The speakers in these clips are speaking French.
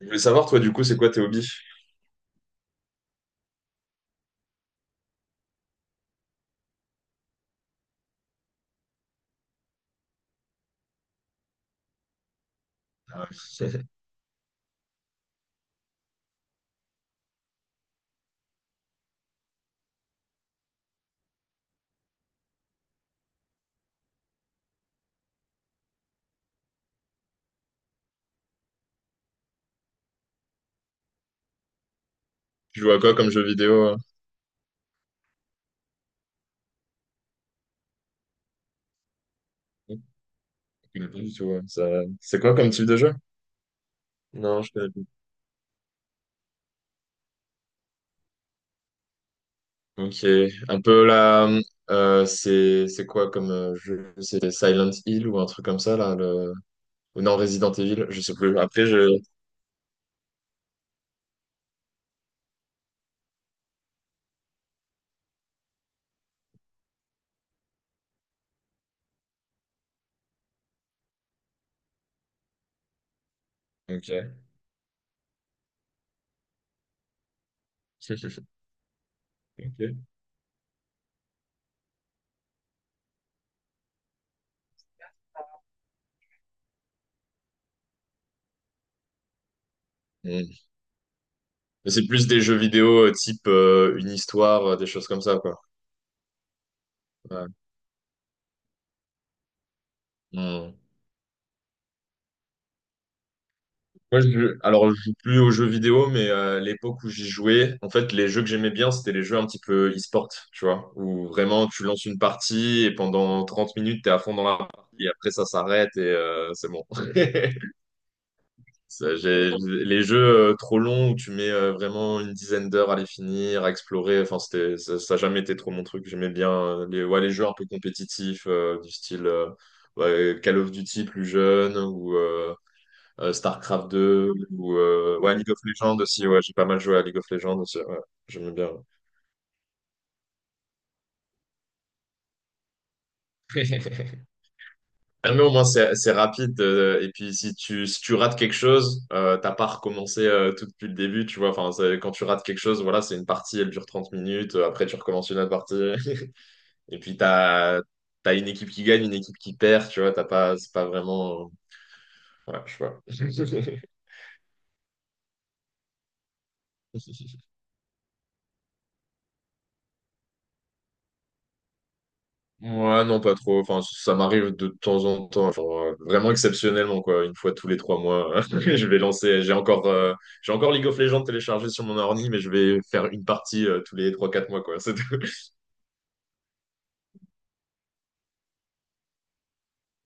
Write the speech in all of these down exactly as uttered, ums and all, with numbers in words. Je voulais savoir, toi, du coup, c'est quoi tes hobbies? Ah, ouais. Tu joues à quoi comme jeu vidéo? euh Je connais pas du tout, ouais. Ça- C'est quoi comme type de jeu? Non, je connais pas. Ok. Un peu là, euh, c'est c'est quoi comme euh, jeu? C'était Silent Hill ou un truc comme ça, là, le... ou non, Resident Evil, je sais plus. Après, je... Ok. Ok. Mm. Mais c'est plus des jeux vidéo euh, type euh, une histoire, euh, des choses comme ça, quoi. Ouais. Moi, je, alors, je joue plus aux jeux vidéo, mais euh, l'époque où j'y jouais, en fait, les jeux que j'aimais bien, c'était les jeux un petit peu e-sport, tu vois, où vraiment tu lances une partie et pendant trente minutes, t'es à fond dans la partie et après ça s'arrête et euh, c'est bon. Ça, j'ai- les jeux euh, trop longs où tu mets euh, vraiment une dizaine d'heures à les finir, à explorer, enfin, c'était, ça, ça a jamais été trop mon truc. J'aimais bien euh, les, ouais, les jeux un peu compétitifs, euh, du style euh, ouais, Call of Duty plus jeune ou. euh, euh, StarCraft deux ou euh, ouais, League of Legends aussi. Ouais, j'ai pas mal joué à League of Legends aussi. Ouais, j'aime bien. Ah, mais au moins, c'est, c'est rapide. Euh, et puis, si tu, si tu rates quelque chose, euh, t'as pas recommencé euh, tout depuis le début, tu vois. Enfin, c'est- quand tu rates quelque chose, voilà, c'est une partie, elle dure trente minutes. euh, Après, tu recommences une autre partie. Et puis, t'as, t'as une équipe qui gagne, une équipe qui perd, tu vois. T'as pas, c'est pas vraiment. euh, Ouais, je sais pas. Ouais, non, pas trop. Enfin, ça m'arrive de temps en temps, genre euh, vraiment exceptionnellement, quoi. Une fois tous les trois mois, je vais lancer. J'ai encore, euh, j'ai encore League of Legends téléchargé sur mon ordi, mais je vais faire une partie euh, tous les trois, quatre mois, quoi. C'est tout.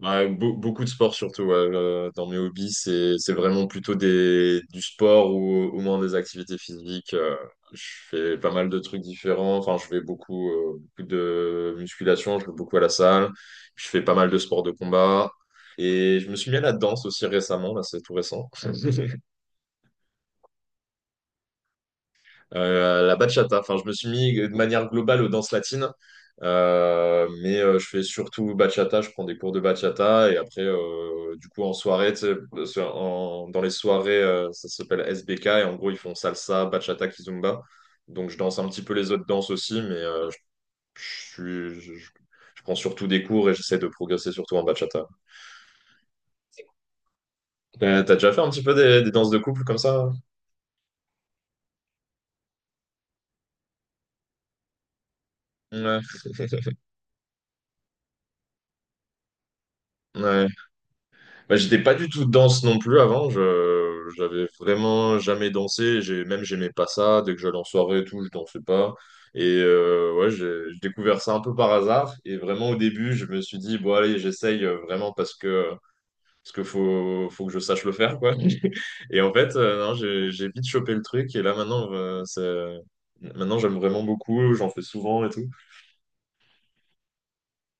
Ouais, beau- beaucoup de sport surtout. Ouais. Euh, dans mes hobbies, c'est c'est vraiment plutôt des du sport ou au moins des activités physiques. Euh, je fais pas mal de trucs différents. Enfin, je fais beaucoup, euh, beaucoup de musculation. Je vais beaucoup à la salle. Je fais pas mal de sports de combat. Et je me suis mis à la danse aussi récemment. Là, c'est tout récent. Euh, la bachata. Enfin, je me suis mis de manière globale aux danses latines. Euh, mais euh, je fais surtout bachata. Je prends des cours de bachata et après, euh, du coup, en soirée, tu sais, sur- en- dans les soirées, euh, ça s'appelle S B K et en gros, ils font salsa, bachata, kizomba. Donc, je danse un petit peu les autres danses aussi, mais euh, je, je suis- je- je- je prends surtout des cours et j'essaie de progresser surtout en bachata. Euh, t'as déjà fait un petit peu des, des danses de couple comme ça? Ouais. Ouais. Bah, j'étais pas du tout danse non plus avant. Je, j'avais vraiment jamais dansé. J'ai, même j'aimais pas ça. Dès que j'allais en soirée et tout, je dansais pas. Et euh, ouais, j'ai j'ai découvert ça un peu par hasard. Et vraiment au début, je me suis dit, bon allez, j'essaye euh, vraiment parce que parce que faut faut que je sache le faire, quoi. Et en fait, euh, non, j'ai j'ai vite chopé le truc. Et là maintenant, euh, c'est maintenant j'aime vraiment beaucoup. J'en fais souvent et tout.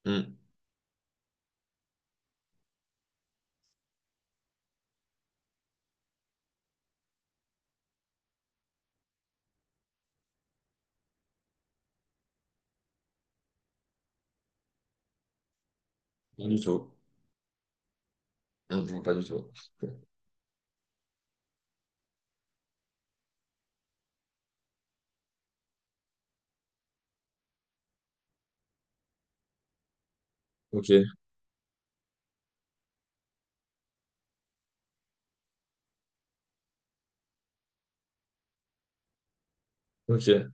Hmm, pas du tout. Hmm, pas du tout. Ok, ok.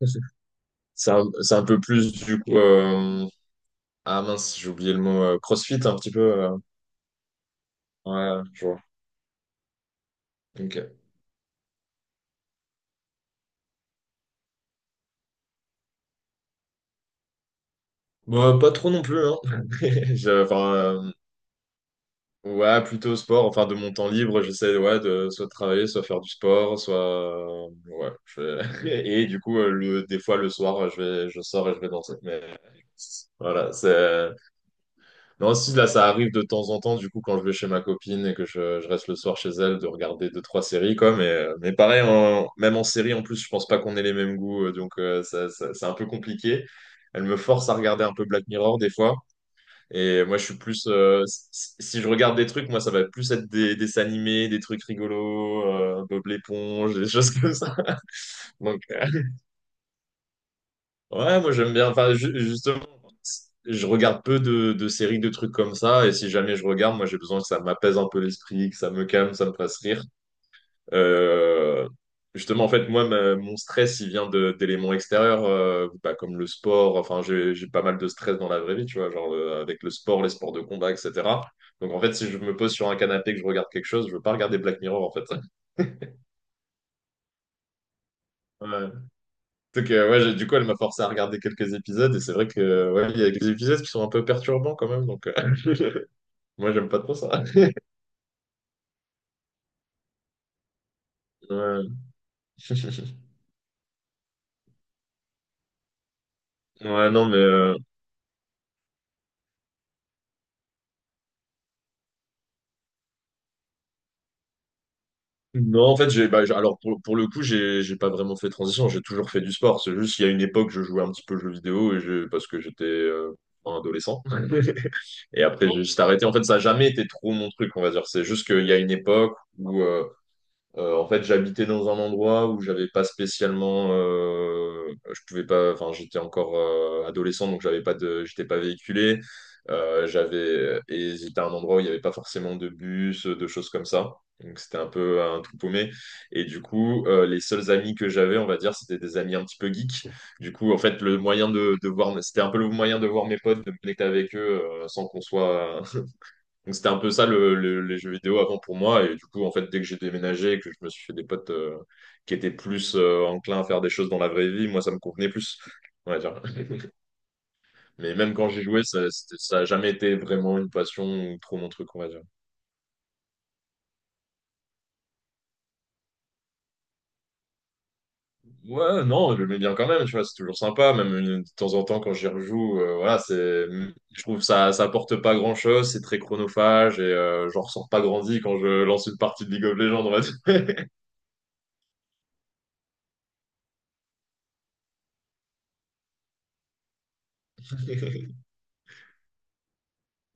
C'est un, c'est un, peu plus du coup. euh, Ah mince, j'ai oublié le mot euh, CrossFit un petit peu. euh, Ouais, je vois. Ok. Bon, euh, pas trop non plus, hein. Je- Enfin, euh, ouais, plutôt sport. Enfin, de mon temps libre, j'essaie, ouais, de soit travailler, soit faire du sport, soit. euh, Ouais. je- Et du coup, euh, le... des fois le soir, je vais... je sors et je vais danser. Mais voilà, c'est. Non, si, là, ça arrive de temps en temps, du coup, quand je vais chez ma copine et que je, je reste le soir chez elle, de regarder deux, trois séries, quoi. Mais, euh, mais pareil, en- même en série, en plus, je pense pas qu'on ait les mêmes goûts, euh, donc euh, ça, ça- c'est un peu compliqué. Elle me force à regarder un peu Black Mirror, des fois. Et moi, je suis plus... euh, si si je regarde des trucs, moi, ça va plus être des, des dessins animés, des trucs rigolos, euh, Bob l'éponge, des choses comme ça. Donc, euh, ouais, moi, j'aime bien... Enfin, ju- justement... je regarde peu de, de séries, de trucs comme ça. Et si jamais je regarde, moi, j'ai besoin que ça m'apaise un peu l'esprit, que ça me calme, ça me fasse rire. Euh, justement, en fait, moi, ma- mon stress, il vient de- d'éléments extérieurs, euh, bah, comme le sport. Enfin, j'ai, j'ai pas mal de stress dans la vraie vie, tu vois, genre euh, avec le sport, les sports de combat, et cetera. Donc, en fait, si je me pose sur un canapé et que je regarde quelque chose, je veux pas regarder Black Mirror, en fait. Ouais. Donc, euh, ouais, j'ai- du coup, elle m'a forcé à regarder quelques épisodes. Et c'est vrai que, ouais, il y a des épisodes qui sont un peu perturbants quand même. Donc, euh, moi, j'aime pas trop ça. Ouais. Ouais, non, mais euh, non, en fait, j'ai, bah, j'ai- alors pour, pour le coup, j'ai, j'ai pas vraiment fait transition, j'ai toujours fait du sport. C'est juste qu'il y a une époque, je jouais un petit peu aux jeux vidéo et je, parce que j'étais euh, un adolescent. Et après, j'ai juste arrêté. En fait, ça a jamais été trop mon truc, on va dire. C'est juste qu'il y a une époque où, euh, Euh, en fait, j'habitais dans un endroit où j'avais pas spécialement, euh, je pouvais pas, enfin, j'étais encore euh, adolescent, donc j'avais pas de, j'étais pas véhiculé. Euh, j'avais et c'était un endroit où il y avait pas forcément de bus, de choses comme ça. Donc c'était un peu un tout paumé. Et du coup, euh, les seuls amis que j'avais, on va dire, c'était des amis un petit peu geeks. Du coup, en fait, le moyen de, de voir, c'était un peu le moyen de voir mes potes, de me connecter avec eux, euh, sans qu'on soit, donc c'était un peu ça le, le- les jeux vidéo avant pour moi. Et du coup, en fait, dès que j'ai déménagé et que je me suis fait des potes euh, qui étaient plus euh, enclins à faire des choses dans la vraie vie, moi, ça me convenait plus, on va dire. Mais même quand j'ai joué, ça, c'était- ça a jamais été vraiment une passion ou trop mon truc, on va dire. Ouais, non, je le mets bien quand même, tu vois, c'est toujours sympa. Même une- de temps en temps, quand j'y rejoue, euh, voilà, c'est, je trouve que ça, ça apporte pas grand-chose, c'est très chronophage et euh, j'en ressors pas grandi quand je lance une partie de League of Legends, on va dire.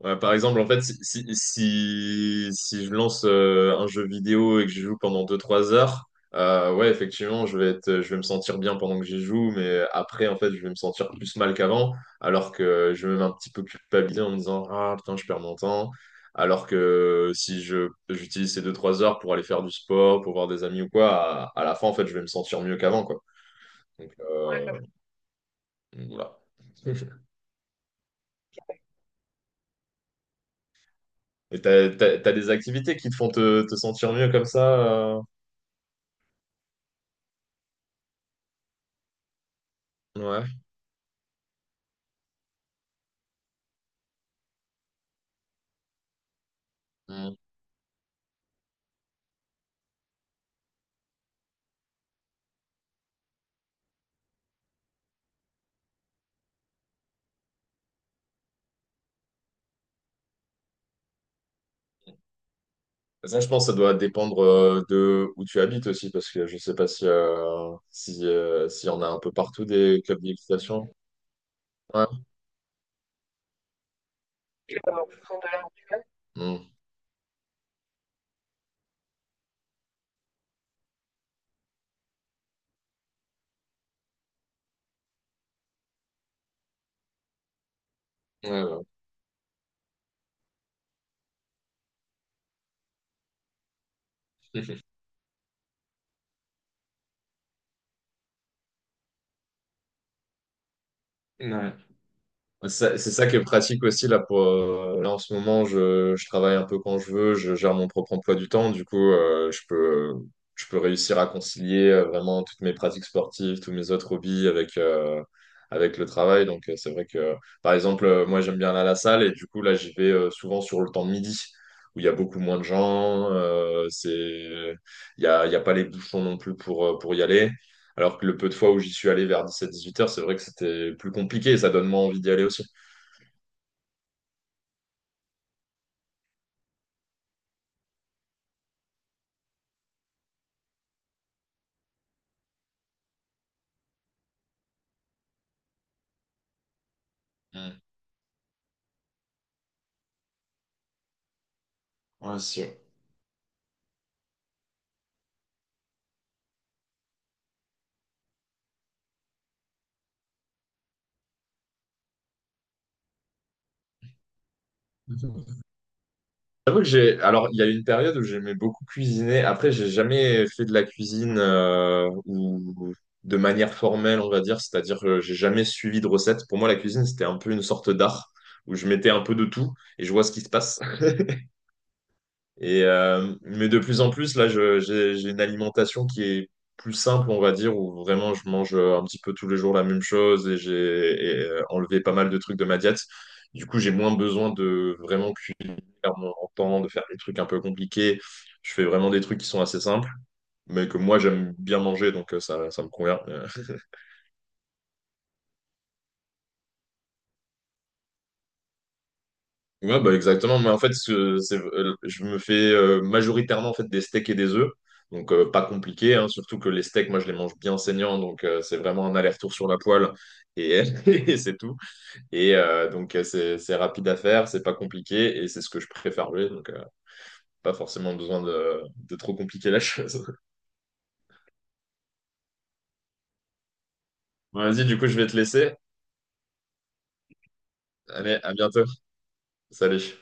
Ouais, par exemple, en fait, si, si, si, si je lance euh, un jeu vidéo et que je joue pendant deux trois heures, euh, ouais, effectivement, je vais être, je vais me sentir bien pendant que j'y joue, mais après, en fait, je vais me sentir plus mal qu'avant, alors que je vais même un petit peu culpabiliser en me disant, ah putain, je perds mon temps. Alors que si je, j'utilise ces deux trois heures pour aller faire du sport, pour voir des amis ou quoi, à, à la fin, en fait, je vais me sentir mieux qu'avant, quoi. Donc, euh, voilà. Et t'as, t'as- t'as des activités qui te font te, te sentir mieux comme ça, euh, Ouais. Mm. Ça, je pense que ça doit dépendre euh, de où tu habites aussi, parce que je sais pas si euh, si euh, s'il y en a un peu partout des clubs d'équitation. Ouais. Mm. Ouais, ouais. Ouais. Ça- C'est ça qui est pratique aussi là pour euh, là en ce moment je, je travaille un peu quand je veux, je gère mon propre emploi du temps, du coup euh, je peux je peux réussir à concilier euh, vraiment toutes mes pratiques sportives, tous mes autres hobbies avec euh, avec le travail. Donc euh, c'est vrai que par exemple euh, moi j'aime bien aller à la salle et du coup là j'y vais euh, souvent sur le temps de midi où il y a beaucoup moins de gens, euh, c'est il y a il y a pas les bouchons non plus pour euh, pour y aller. Alors que le peu de fois où j'y suis allé vers dix-sept dix-huit heures, c'est vrai que c'était plus compliqué et ça donne moins envie d'y aller aussi. Mm. Ouais, c'est sûr. Mhm. J'avoue que j'ai. Alors, il y a eu une période où j'aimais beaucoup cuisiner. Après, j'ai jamais fait de la cuisine euh, ou de manière formelle, on va dire. C'est-à-dire que j'ai jamais suivi de recette. Pour moi, la cuisine, c'était un peu une sorte d'art où je mettais un peu de tout et je vois ce qui se passe. Et, euh, mais de plus en plus, là, je- j'ai, j'ai une alimentation qui est plus simple, on va dire, où vraiment je mange euh, un petit peu tous les jours la même chose et j'ai et, euh, enlevé pas mal de trucs de ma diète. Du coup, j'ai moins besoin de vraiment cuisiner à mon temps, de faire des trucs un peu compliqués. Je fais vraiment des trucs qui sont assez simples, mais que moi, j'aime bien manger, donc euh, ça, ça me convient. euh, Ouais, bah exactement. Mais en fait, ce- c'est- euh, je me fais euh, majoritairement en fait, des steaks et des œufs. Donc, euh, pas compliqué, hein. surtout que les steaks, moi, je les mange bien saignants. Donc, euh, c'est vraiment un aller-retour sur la poêle. Et, et c'est tout. Et euh, donc, euh, c'est c'est rapide à faire, c'est pas compliqué. Et c'est ce que je préfère jouer. Donc, euh, pas forcément besoin de, de trop compliquer la chose. Bon, vas-y, du coup, je vais te laisser. Allez, à bientôt. Salut.